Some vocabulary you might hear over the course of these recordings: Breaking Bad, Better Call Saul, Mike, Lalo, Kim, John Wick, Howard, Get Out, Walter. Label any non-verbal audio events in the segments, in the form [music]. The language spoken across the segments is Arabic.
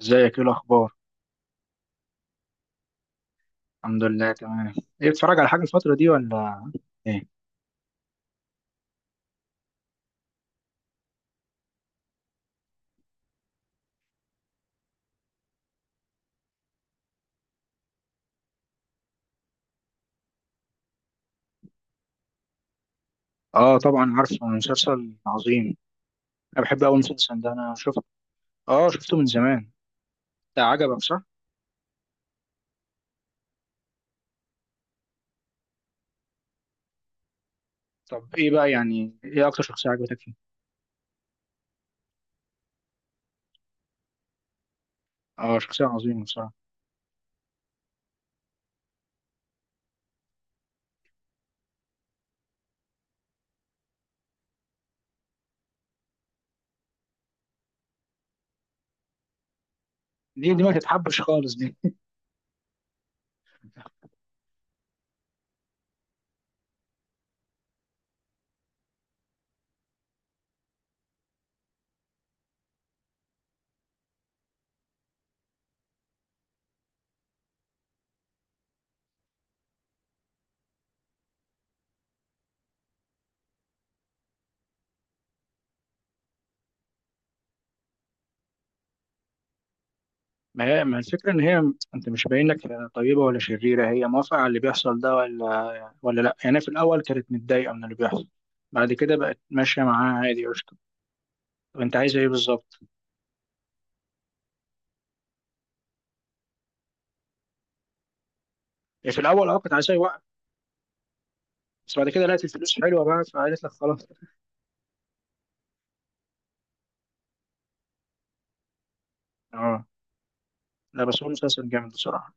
ازيك، ايه الاخبار؟ الحمد لله، تمام. ايه، بتتفرج على حاجه الفتره دي ولا ايه؟ اه، طبعا عارفه. مسلسل عظيم. انا بحب، اول مسلسل ده انا شفته. اه، شفته من زمان. ده عجبك، صح؟ طب ايه بقى، يعني ايه اكتر شخصيه عجبتك فيه؟ اه، شخصيه عظيمه بصراحه. دي ما تتحبش خالص دي. [laughs] ما الفكره ان هي، انت مش باين لك هي طيبه ولا شريره؟ هي موافقه على اللي بيحصل ده ولا لا؟ يعني في الاول كانت متضايقه من اللي بيحصل، بعد كده بقت ماشيه معاه عادي قشطه. طب انت عايزه ايه بالظبط؟ في الاول كنت عايز، بس بعد كده لقيت الفلوس حلوه بقى فقالت لك خلاص. اه. لا بس هو مسلسل جامد بصراحه.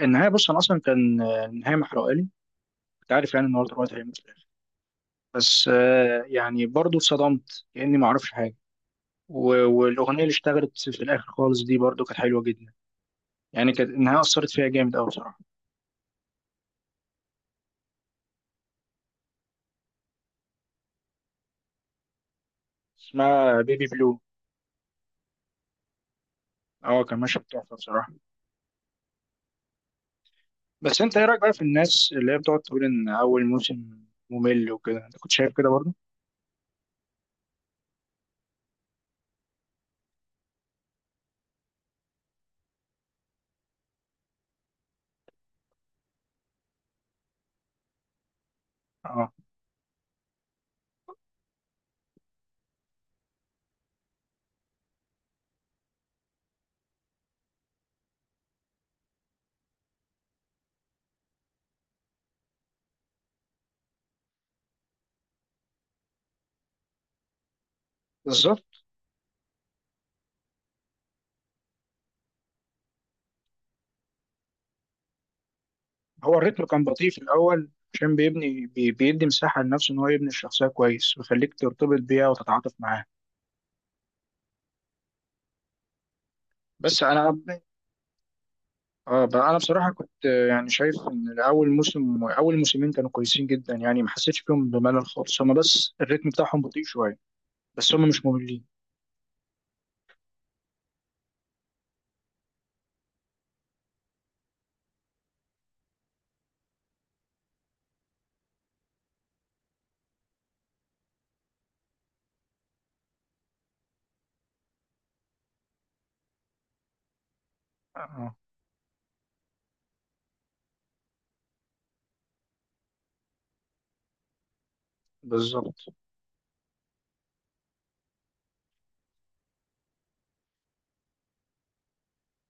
النهايه، بص، انا اصلا كان آه، النهايه محرقه لي. كنت عارف يعني ان هو دلوقتي هيموت في الآخر. بس يعني برضه اتصدمت كاني ما اعرفش حاجه. والاغنيه اللي اشتغلت في الاخر خالص دي برضه كانت حلوه جدا. يعني كانت النهايه اثرت فيها جامد قوي بصراحه. اسمها بيبي بلو. اه، كان ماشي تحفه بصراحه. بس انت ايه رايك بقى في الناس اللي هي بتقعد تقول ان اول موسم ممل وكده؟ انت كنت شايف كده برضه؟ اه، بالظبط. هو الريتم كان بطيء في الأول، عشان بيبني بيدي مساحة لنفسه إن هو يبني الشخصية كويس ويخليك ترتبط بيها وتتعاطف معاها. بس أنا آه بقى أنا بصراحة كنت يعني شايف إن أول موسمين كانوا كويسين جدا. يعني ما حسيتش فيهم بملل خالص، هما بس الريتم بتاعهم بطيء شوية، بس هما مش مملين. آه، بالظبط.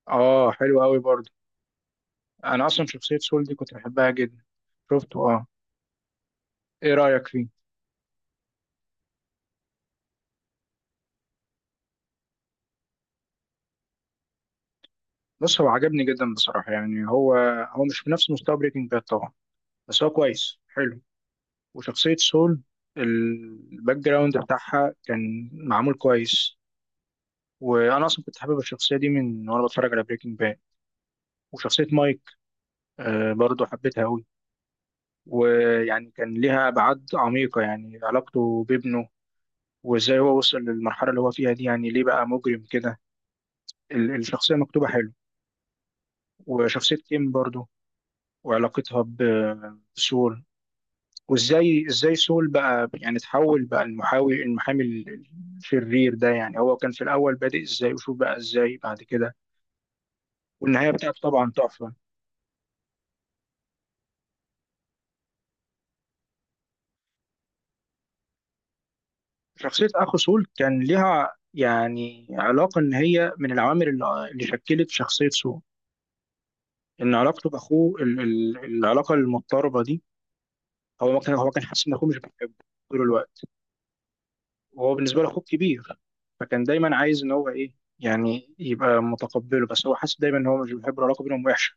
آه، حلو أوي برضه. أنا أصلا شخصية سول دي كنت بحبها جدا. شفته آه. إيه رأيك فيه؟ بص، هو عجبني جدا بصراحة. يعني هو مش في نفس مستوى بريكنج باد طبعا، بس هو كويس حلو. وشخصية سول، الباك جراوند بتاعها كان معمول كويس. وأنا أصلا كنت حابب الشخصية دي من وأنا بتفرج على بريكنج باد. وشخصية مايك برضو حبيتها أوي. ويعني كان ليها أبعاد عميقة، يعني علاقته بابنه، وإزاي هو وصل للمرحلة اللي هو فيها دي، يعني ليه بقى مجرم كده. الشخصية مكتوبة حلو. وشخصية كيم برضو، وعلاقتها بسول، وازاي سول بقى يعني تحول بقى المحامي الشرير ده. يعني هو كان في الاول بادئ ازاي، وشوف بقى ازاي بعد كده. والنهايه بتاعته طبعا تحفه. شخصيه اخو سول كان ليها يعني علاقه ان هي من العوامل اللي شكلت شخصيه سول. ان علاقته باخوه العلاقه المضطربه دي، هو كان حاسس ان اخوه مش بيحبه طول الوقت. وهو بالنسبه له اخوه كبير، فكان دايما عايز ان هو ايه يعني يبقى متقبله، بس هو حاسس دايما ان هو مش بيحبه، العلاقه بينهم وحشه.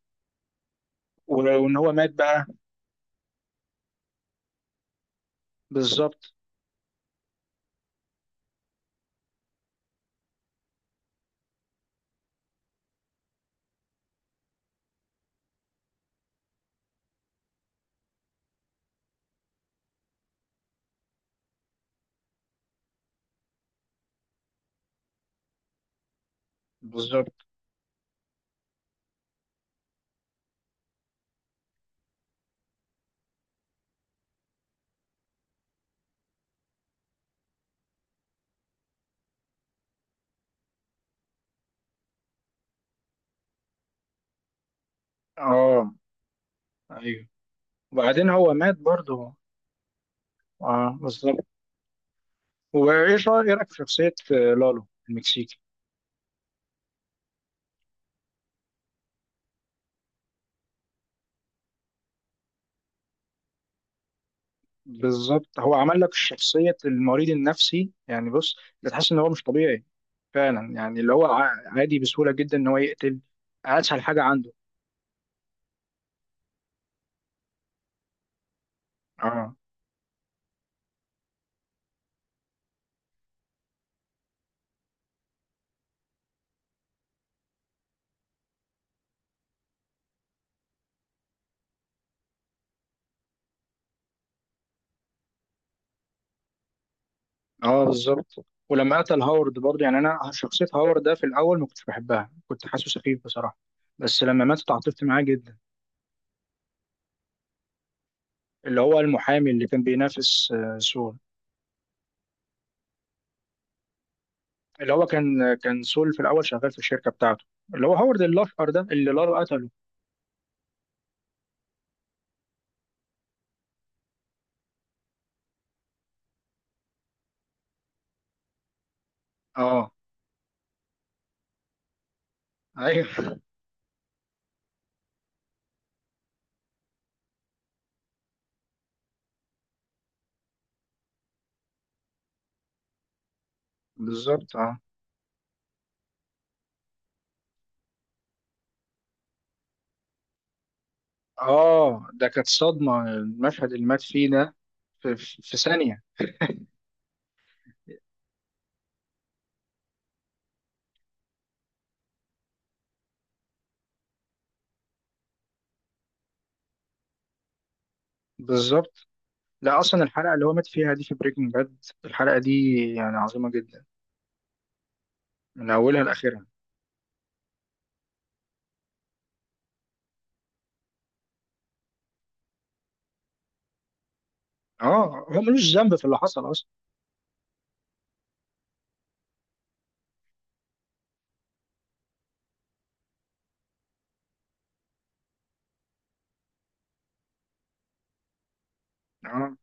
و- وان هو مات بقى. بالظبط. بالظبط، اه. ايوه. وبعدين هو مات برضه. اه، بالظبط. إيه رايك في شخصيه لالو المكسيكي؟ بالظبط، هو عمل لك شخصيه المريض النفسي، يعني بص، بتحس ان هو مش طبيعي فعلا، يعني اللي هو عادي بسهوله جدا ان هو يقتل، اسهل حاجه عنده. اه، اه، بالظبط. ولما قتل هاورد برضه، يعني انا شخصيه هاورد ده في الاول ما كنتش بحبها، كنت حاسه سخيف بصراحه، بس لما مات اتعاطفت معاه جدا. اللي هو المحامي اللي كان بينافس سول. اللي هو كان سول في الاول شغال في الشركه بتاعته. اللي هو هوارد الاشقر ده اللي لارو قتله. اه، ايوه، بالظبط، اه، اه. ده كانت صدمه، المشهد اللي مات فيه ده، في ثانيه. بالظبط. لا، اصلا الحلقه اللي هو مات فيها دي في بريكنج باد، الحلقه دي يعني عظيمه جدا من اولها لاخرها. اه، هو ملوش ذنب في اللي حصل اصلا. اه،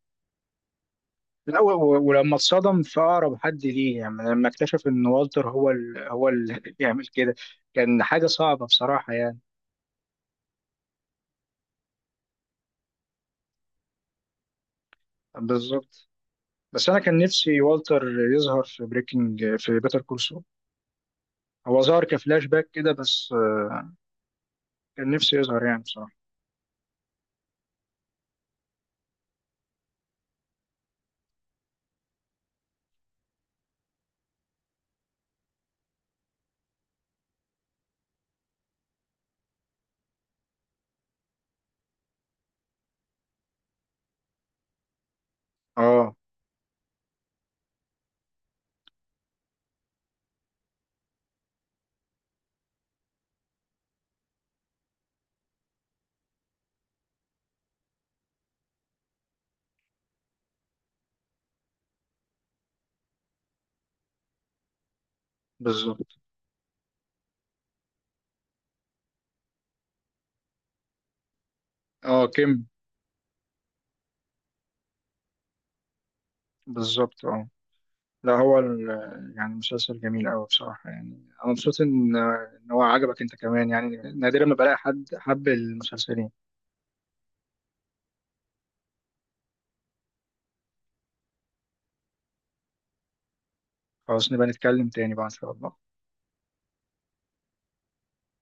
لا ولما اتصدم في اقرب حد ليه، يعني لما اكتشف ان والتر هو اللي [laughs] بيعمل كده، كان حاجه صعبه بصراحه يعني. بالظبط. بس انا كان نفسي والتر يظهر في بريكنج في بيتر كول سول. هو ظهر كفلاش باك كده بس كان نفسي يظهر يعني بصراحه. اه، بالظبط. اه، كيم. بالظبط، اه. لا هو يعني مسلسل جميل قوي بصراحه، يعني انا مبسوط ان هو عجبك انت كمان. يعني نادرا ما بلاقي حد حب المسلسلين. خلاص نبقى نتكلم تاني بقى ان شاء الله.